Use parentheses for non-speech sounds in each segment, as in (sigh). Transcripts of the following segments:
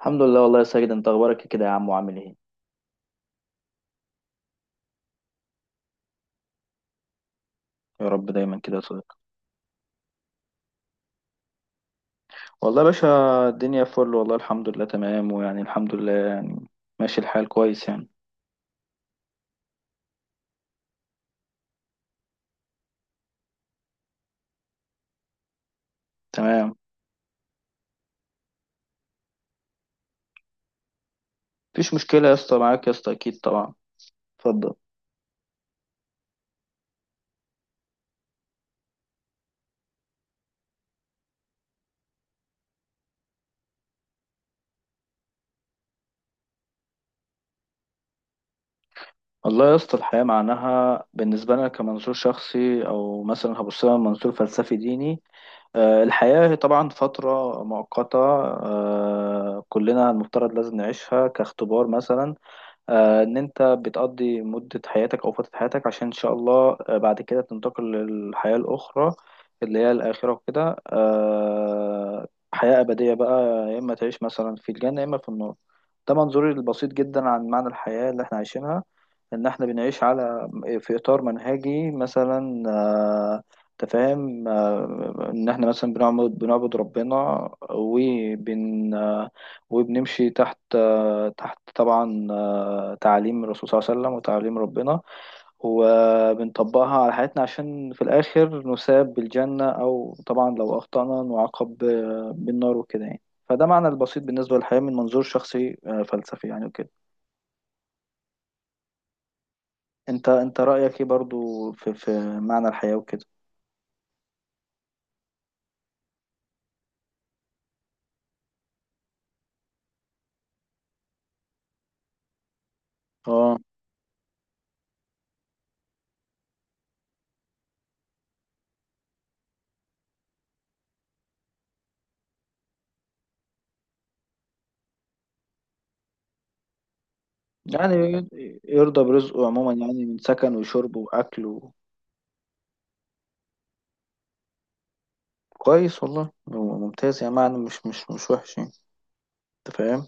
الحمد لله، والله يا ساجد. انت اخبارك كده يا عم؟ وعامل ايه؟ يا رب دايما كده يا صديقي. والله يا باشا. الدنيا فل والله، الحمد لله، تمام، ويعني الحمد لله يعني. ماشي الحال كويس يعني. تمام، مفيش مشكلة يا اسطى. معاك يا اسطى اكيد طبعا. اتفضل. والله يا اسطى، الحياة معناها بالنسبة لنا كمنظور شخصي، او مثلا هبص لها من منظور فلسفي ديني. الحياة هي طبعا فترة مؤقتة. كلنا المفترض لازم نعيشها كاختبار مثلا. ان انت بتقضي مدة حياتك او فترة حياتك، عشان ان شاء الله بعد كده تنتقل للحياة الاخرى اللي هي الاخرة وكده. حياة ابدية بقى، يا اما تعيش مثلا في الجنة، يا اما في النار. ده منظوري البسيط جدا عن معنى الحياة اللي احنا عايشينها، ان احنا بنعيش على، في اطار منهجي مثلا، تفاهم. ان احنا مثلا بنعبد ربنا، وبن آه، وبنمشي تحت طبعا تعاليم الرسول صلى الله عليه وسلم وتعاليم ربنا، وبنطبقها على حياتنا عشان في الاخر نثاب بالجنة، او طبعا لو اخطأنا نعاقب بالنار وكده يعني. فده معنى البسيط بالنسبة للحياة من منظور شخصي فلسفي يعني وكده. انت رأيك ايه برضو في معنى الحياة وكده؟ اه. يعني يرضى برزقه عموما، يعني من سكن وشرب واكل. كويس والله، ممتاز يعني، معنى مش وحش يعني. انت فاهم؟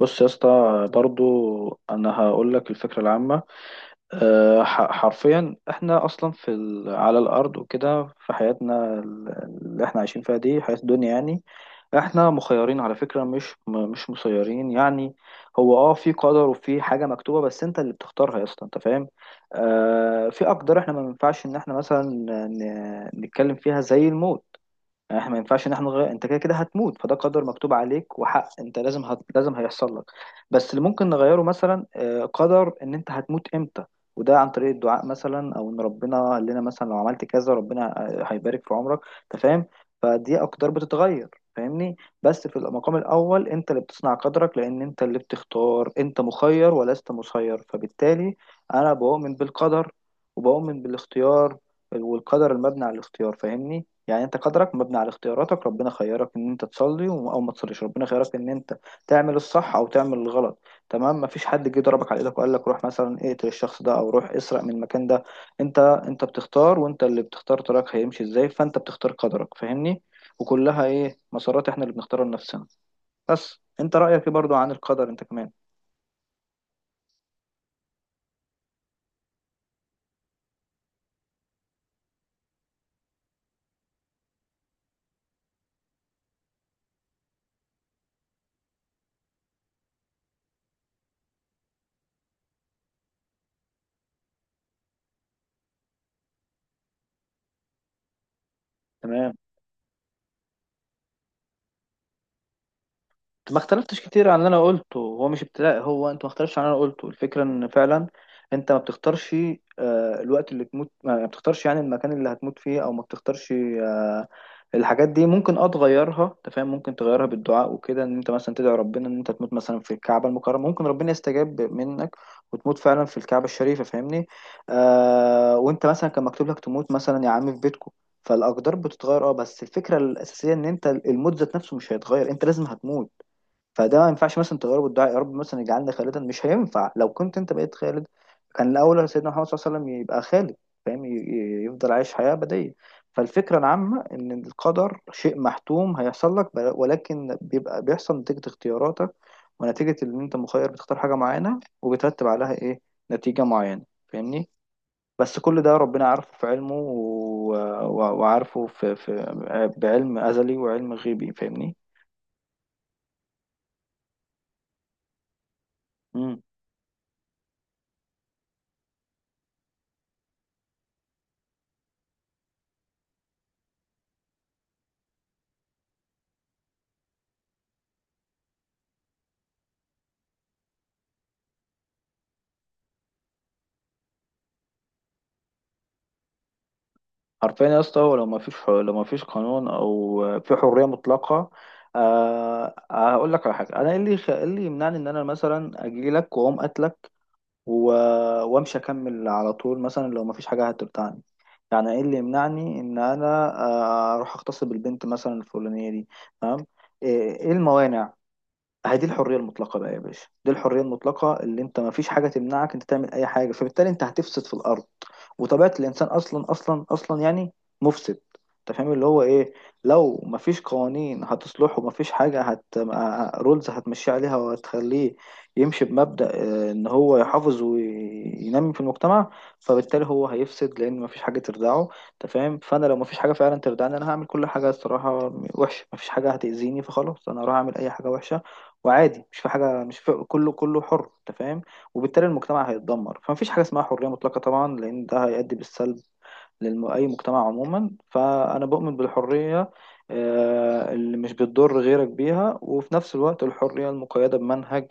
بص يا اسطى، برضو انا هقول لك الفكرة العامة. حرفيا احنا اصلا على الارض وكده، في حياتنا اللي احنا عايشين فيها دي حياة الدنيا يعني. احنا مخيرين على فكرة، مش مسيرين يعني. هو في قدر وفي حاجة مكتوبة، بس انت اللي بتختارها يا اسطى. انت فاهم؟ في اقدار احنا ما ينفعش ان احنا مثلا نتكلم فيها، زي الموت. يعني احنا ما ينفعش ان احنا نغير، انت كده كده هتموت، فده قدر مكتوب عليك وحق، انت لازم هيحصل لك. بس اللي ممكن نغيره مثلا قدر ان انت هتموت امتى. وده عن طريق الدعاء مثلا، او ان ربنا قال لنا مثلا لو عملت كذا ربنا هيبارك في عمرك. انت فاهم؟ فدي اقدار بتتغير. فاهمني. بس في المقام الاول انت اللي بتصنع قدرك، لان انت اللي بتختار، انت مخير ولست مسير، فبالتالي انا بؤمن بالقدر وبؤمن بالاختيار، والقدر المبني على الاختيار. فاهمني. يعني انت قدرك مبني على اختياراتك. ربنا خيرك ان انت تصلي او ما تصليش، ربنا خيرك ان انت تعمل الصح او تعمل الغلط. تمام. مفيش حد جه ضربك على ايدك وقال لك روح مثلا اقتل الشخص ده، او روح اسرق من المكان ده. انت بتختار، وانت اللي بتختار طريقك هيمشي ازاي، فانت بتختار قدرك. فاهمني. وكلها ايه، مسارات احنا اللي بنختارها لنفسنا. بس انت رأيك ايه برضو عن القدر انت كمان؟ تمام. ما اختلفتش كتير عن اللي انا قلته. هو مش ابتلاء، هو انت ما اختلفتش عن اللي انا قلته. الفكره ان فعلا انت ما بتختارش الوقت اللي تموت، ما بتختارش يعني المكان اللي هتموت فيه، او ما بتختارش. الحاجات دي ممكن تغيرها. انت فاهم؟ ممكن تغيرها بالدعاء وكده، ان انت مثلا تدعي ربنا ان انت تموت مثلا في الكعبه المكرمه، ممكن ربنا يستجاب منك وتموت فعلا في الكعبه الشريفه. فاهمني. وانت مثلا كان مكتوب لك تموت مثلا يا عم في بيتكم، فالاقدار بتتغير. اه بس الفكره الاساسيه ان انت الموت ذات نفسه مش هيتغير، انت لازم هتموت. فده ما ينفعش مثلا تغيره بالدعاء، يا رب مثلا اجعلنا خالدا. مش هينفع. لو كنت انت بقيت خالد، كان الاول سيدنا محمد صلى الله عليه وسلم يبقى خالد. فاهم؟ يفضل عايش حياة أبدية. فالفكرة العامة إن القدر شيء محتوم هيحصل لك ولكن بيبقى بيحصل نتيجة اختياراتك، ونتيجة إن أنت مخير، بتختار حاجة معينة وبترتب عليها إيه، نتيجة معينة. فاهمني. بس كل ده ربنا عارفه في علمه وعارفه في بعلم أزلي وعلم غيبي. فاهمني. حرفيا يا اسطى هو لو ما فيش قانون، او في حريه مطلقه، أه آه، هقول لك على حاجه. انا إيه اللي يمنعني ان انا مثلا اجي لك واقوم قاتلك و- وامشي اكمل على طول، مثلا لو ما فيش حاجه هترتعني؟ يعني ايه اللي يمنعني ان انا اروح اغتصب البنت مثلا الفلانيه دي؟ تمام. ايه الموانع؟ اهي دي الحريه المطلقه بقى يا باشا، دي الحريه المطلقه اللي انت ما فيش حاجه تمنعك انت تعمل اي حاجه، فبالتالي انت هتفسد في الارض. وطبيعة الإنسان أصلا أصلا أصلا يعني مفسد. أنت فاهم اللي هو إيه؟ لو مفيش قوانين هتصلحه، مفيش حاجة رولز هتمشي عليها وهتخليه يمشي بمبدأ، إن هو يحافظ وينمي في المجتمع. فبالتالي هو هيفسد، لأن مفيش حاجة تردعه. أنت فاهم؟ فأنا لو مفيش حاجة فعلا تردعني، أنا هعمل كل حاجة الصراحة وحشة. مفيش حاجة هتأذيني، فخلاص أنا هروح أعمل أي حاجة وحشة، وعادي، مش في حاجة، مش في، كله كله حر. أنت فاهم؟ وبالتالي المجتمع هيتدمر، فمفيش حاجة اسمها حرية مطلقة طبعا، لأن ده هيؤدي بالسلب لأي مجتمع عموما. فأنا بؤمن بالحرية اللي مش بتضر غيرك بيها، وفي نفس الوقت الحرية المقيدة بمنهج،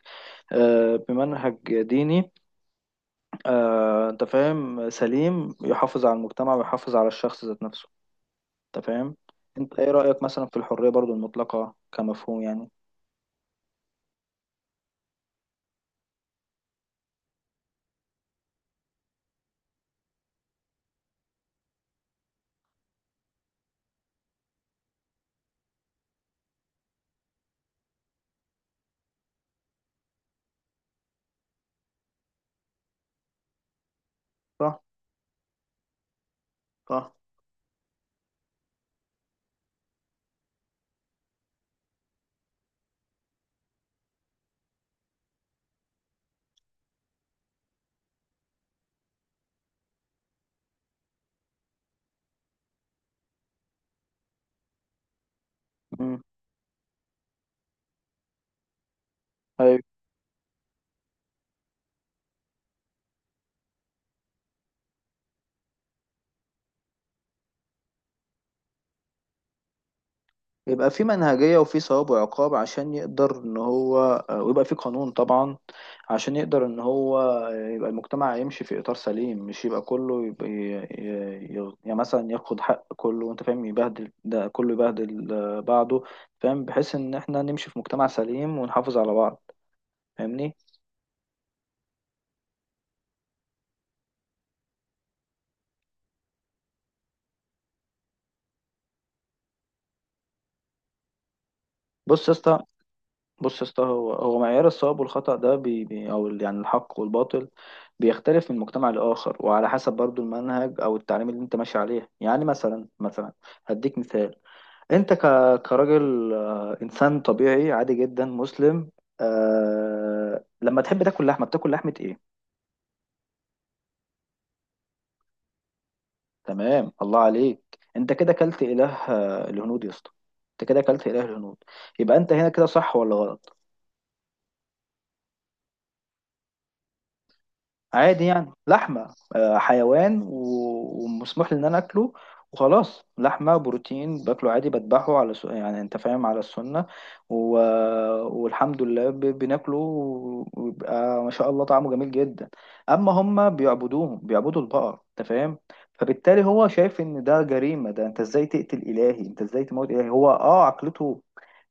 بمنهج ديني، أنت فاهم، سليم، يحافظ على المجتمع ويحافظ على الشخص ذات نفسه. أنت فاهم؟ أنت إيه رأيك مثلا في الحرية برضو المطلقة كمفهوم يعني؟ صح. صح. مم. أيوة. يبقى في منهجية وفي ثواب وعقاب عشان يقدر ان هو، ويبقى في قانون طبعا عشان يقدر ان هو يبقى المجتمع يمشي في اطار سليم، مش يبقى كله يبقى يعني مثلا ياخد حق كله، وانت فاهم، يبهدل ده، كله يبهدل بعضه. فاهم؟ بحيث ان احنا نمشي في مجتمع سليم ونحافظ على بعض. فاهمني. بص يا اسطى. هو معيار الصواب والخطأ ده يعني الحق والباطل بيختلف من مجتمع لآخر، وعلى حسب برضو المنهج او التعليم اللي انت ماشي عليه، يعني مثلا هديك مثال. انت ك كراجل، انسان طبيعي عادي جدا مسلم، لما تحب تاكل لحمه، بتاكل لحمه ايه؟ تمام، الله عليك. انت كده كلت اله الهنود يا اسطى، انت كده كلت اله الهنود. يبقى انت هنا كده صح ولا غلط؟ عادي يعني، لحمة حيوان ومسموح لي إن أنا أكله، وخلاص لحمة بروتين باكله عادي، بذبحه على يعني أنت فاهم، على السنة و... والحمد لله بناكله، ويبقى ما شاء الله طعمه جميل جدا. أما هما بيعبدوا البقر. أنت فاهم؟ فبالتالي هو شايف إن ده جريمة، ده أنت إزاي تموت إلهي؟ هو عقلته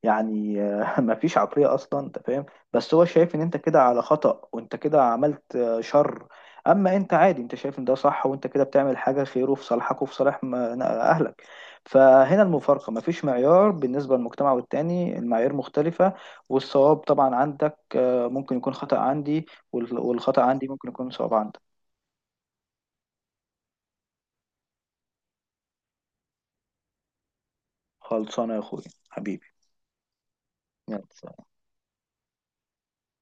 يعني، (laughs) ما فيش عقلية أصلا. أنت فاهم؟ بس هو شايف إن أنت كده على خطأ، وأنت كده عملت شر. اما انت عادي، انت شايف ان ده صح، وانت كده بتعمل حاجه خير وفي صالحك وفي صالح اهلك. فهنا المفارقه، مفيش معيار، بالنسبه للمجتمع والتاني المعايير مختلفه. والصواب طبعا عندك ممكن يكون خطأ عندي، والخطأ عندي ممكن يكون صواب عندك. خلصانه يا اخويا. حبيبي. يلا سلام.